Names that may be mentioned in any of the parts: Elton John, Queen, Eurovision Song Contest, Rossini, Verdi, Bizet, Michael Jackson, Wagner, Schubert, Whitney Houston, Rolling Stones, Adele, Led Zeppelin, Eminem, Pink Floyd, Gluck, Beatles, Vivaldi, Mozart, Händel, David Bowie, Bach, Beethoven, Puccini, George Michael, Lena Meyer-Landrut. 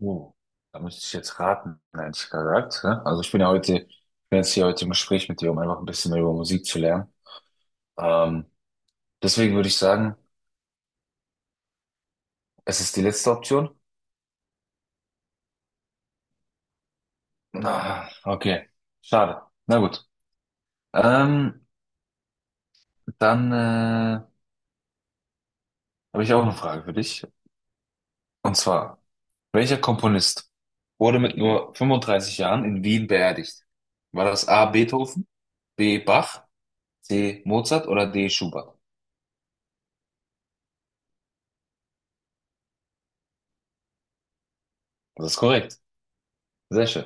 Oh, da müsste ich jetzt raten, ehrlich gesagt, ne? Also ich bin ja heute, ich bin jetzt hier heute im Gespräch mit dir, um einfach ein bisschen mehr über Musik zu lernen. Ähm, Deswegen würde ich sagen, es ist die letzte Option. Ah, okay, schade. Na gut. Ähm, dann Habe ich auch eine Frage für dich. Und zwar, welcher Komponist wurde mit nur 35 Jahren in Wien beerdigt? War das A. Beethoven, B. Bach, C. Mozart oder D. Schubert? Das ist korrekt. Sehr schön.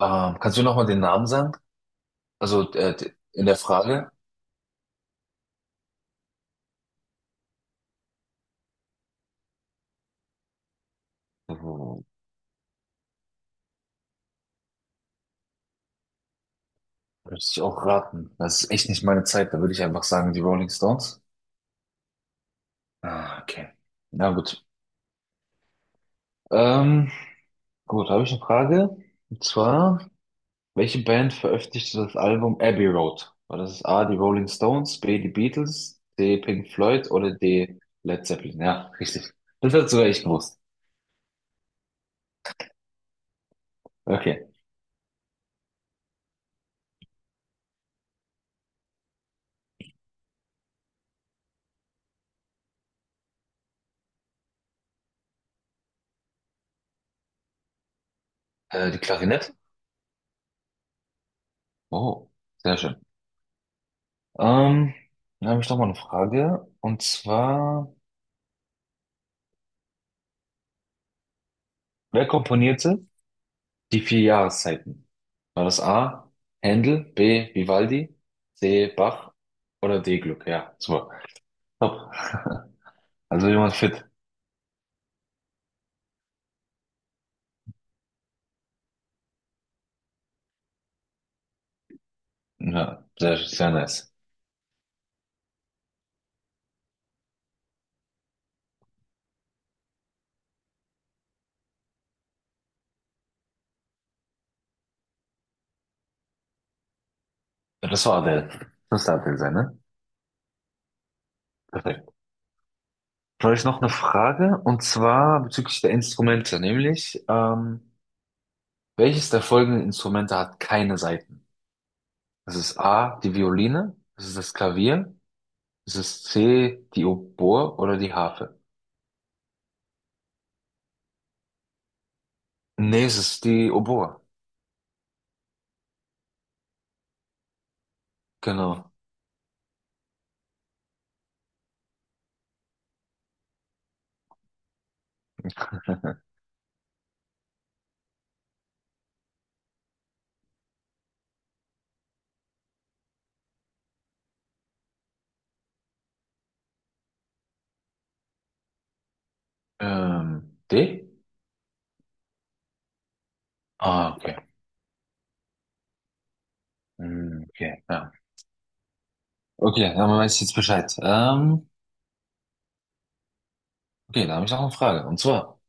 Kannst du nochmal den Namen sagen? Also in der Frage. Oh, würde ich auch raten. Das ist echt nicht meine Zeit. Da würde ich einfach sagen, die Rolling Stones. Ah, okay. Na gut. Ähm, gut, habe ich eine Frage. Und zwar, welche Band veröffentlichte das Album Abbey Road? War das A, die Rolling Stones, B, die Beatles, C, Pink Floyd oder D, Led Zeppelin? Ja, richtig. Das hat du sogar echt gewusst. Okay. Die Klarinette? Oh, sehr schön. Ähm, Dann habe ich noch mal eine Frage. Und zwar, wer komponierte die vier Jahreszeiten? War das A, Händel, B, Vivaldi, C, Bach oder D, Gluck? Ja, super. Top. Also jemand fit. Ja, sehr, sehr nice. Ja, das war Adele. Das müsste Adele sein, ne? Perfekt. Dann habe ich noch eine Frage, und zwar bezüglich der Instrumente, nämlich, welches der folgenden Instrumente hat keine Saiten? Das ist A, die Violine, das ist das Klavier. Ist es C, die Oboe oder die Harfe? Nee, es ist die Oboe. Genau. D? Ah, okay. Hm, okay, ja. Okay, dann weiß ich jetzt Bescheid. Okay, da habe ich noch eine Frage. Und zwar,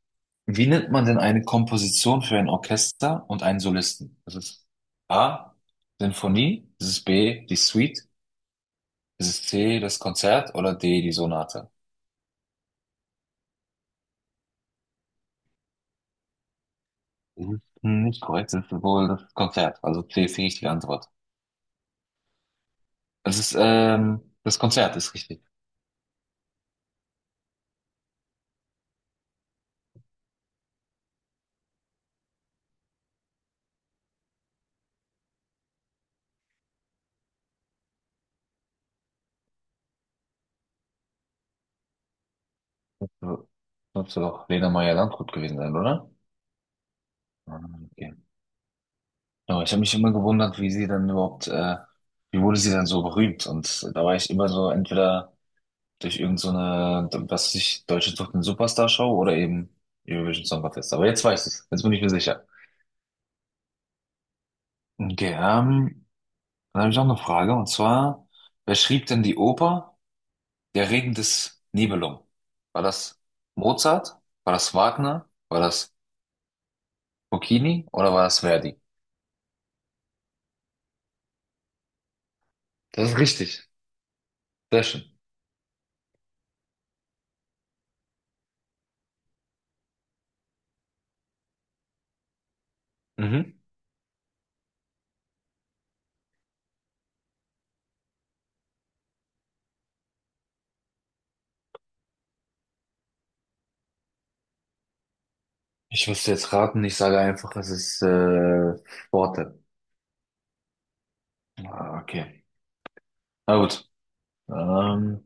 wie nennt man denn eine Komposition für ein Orchester und einen Solisten? Das ist A, Sinfonie, das ist B, die Suite, das ist C, das Konzert oder D, die Sonate? Das ist nicht korrekt, das ist wohl das Konzert. Also C ist die richtige Antwort. Das ist, das Konzert ist richtig. So, sollte doch Lena Meyer-Landrut gewesen sein, oder? Ah, okay. Aber ich habe mich immer gewundert, wie sie dann überhaupt, wie wurde sie dann so berühmt? Und da war ich immer so entweder durch irgend so eine, was weiß ich, Deutsche Sucht den Superstar Show oder eben Eurovision Song Contest. Aber jetzt weiß ich's. Jetzt bin ich mir sicher. Okay, dann habe ich noch eine Frage, und zwar, wer schrieb denn die Oper Der Regen des Nibelungen? War das Mozart? War das Wagner? War das Burkini oder war es Verdi? Das ist richtig. Sehr schön. Mhm. Ich müsste jetzt raten, ich sage einfach, es ist Worte. Ah, okay. Na gut. Ähm,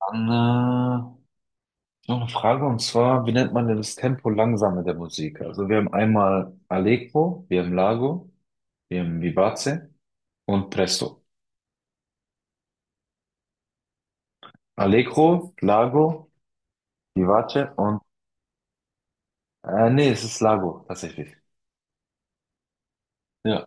dann Noch eine Frage, und zwar, wie nennt man denn das Tempo langsame der Musik? Also wir haben einmal Allegro, wir haben Largo, wir haben Vivace und Presto. Allegro, Largo, Vivace und nee, es ist Largo tatsächlich. Ja.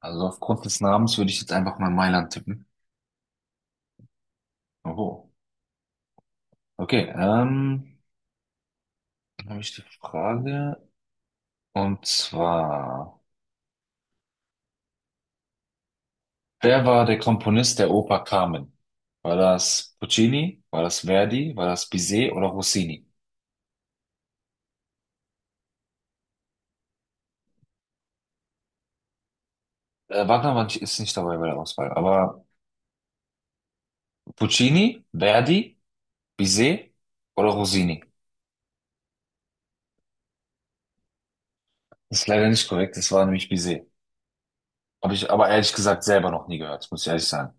Also aufgrund des Namens würde ich jetzt einfach mal Mailand tippen. Oh. Okay, dann habe ich die Frage. Und zwar, wer war der Komponist der Oper Carmen? War das Puccini? War das Verdi? War das Bizet oder Rossini? Wagner war nicht, ist nicht dabei bei der Auswahl, aber Puccini, Verdi, Bizet oder Rossini? Das ist leider nicht korrekt, das war nämlich Bizet. Habe ich aber ehrlich gesagt selber noch nie gehört, muss ich ehrlich sagen.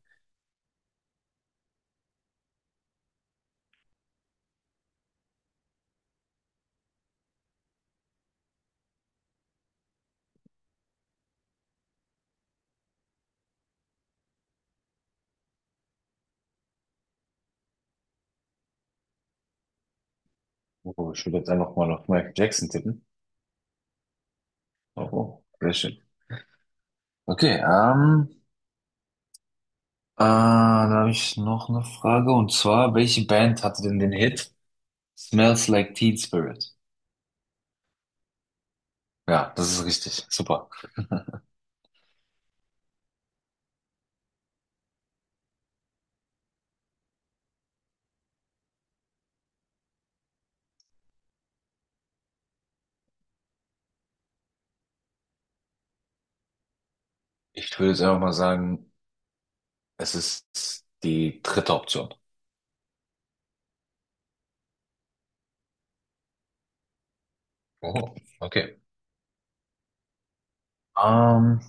Oh, ich würde jetzt einfach mal auf Michael Jackson tippen. Oh, oh, sehr schön. Okay, ah, da habe ich noch eine Frage. Und zwar, welche Band hatte denn den Hit Smells Like Teen Spirit? Ja, das ist richtig. Super. Ich würde jetzt einfach mal sagen, es ist die dritte Option. Oh, okay. Ähm,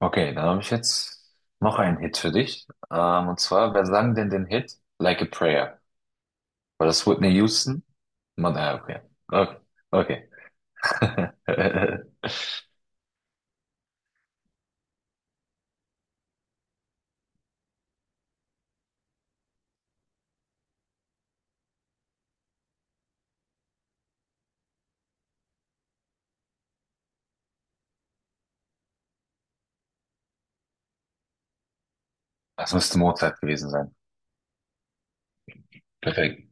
okay, dann habe ich jetzt noch einen Hit für dich. Und zwar, wer sang denn den Hit Like a Prayer? War das Whitney Houston? Mann, ah, okay. Okay. Okay. Es müsste Mozart gewesen sein. Perfekt.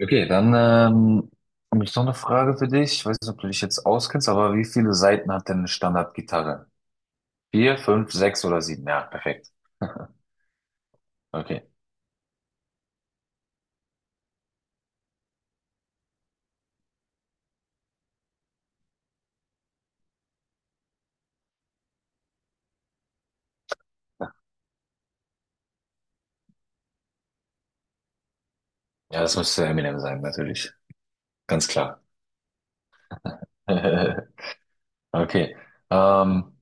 Okay, dann habe ich noch eine Frage für dich. Ich weiß nicht, ob du dich jetzt auskennst, aber wie viele Saiten hat denn eine Standardgitarre? 4, 5, 6 oder 7? Ja, perfekt. Okay. Ja, das müsste Eminem sein, natürlich. Ganz klar. Okay. Ähm,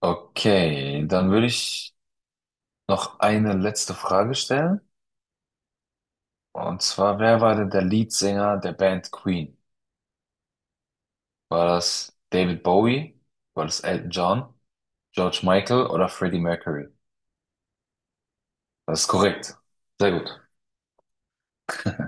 okay, dann würde ich noch eine letzte Frage stellen. Und zwar, wer war denn der Leadsänger der Band Queen? War das David Bowie? War das Elton John? George Michael oder Freddie Mercury? Das ist korrekt. Sehr gut.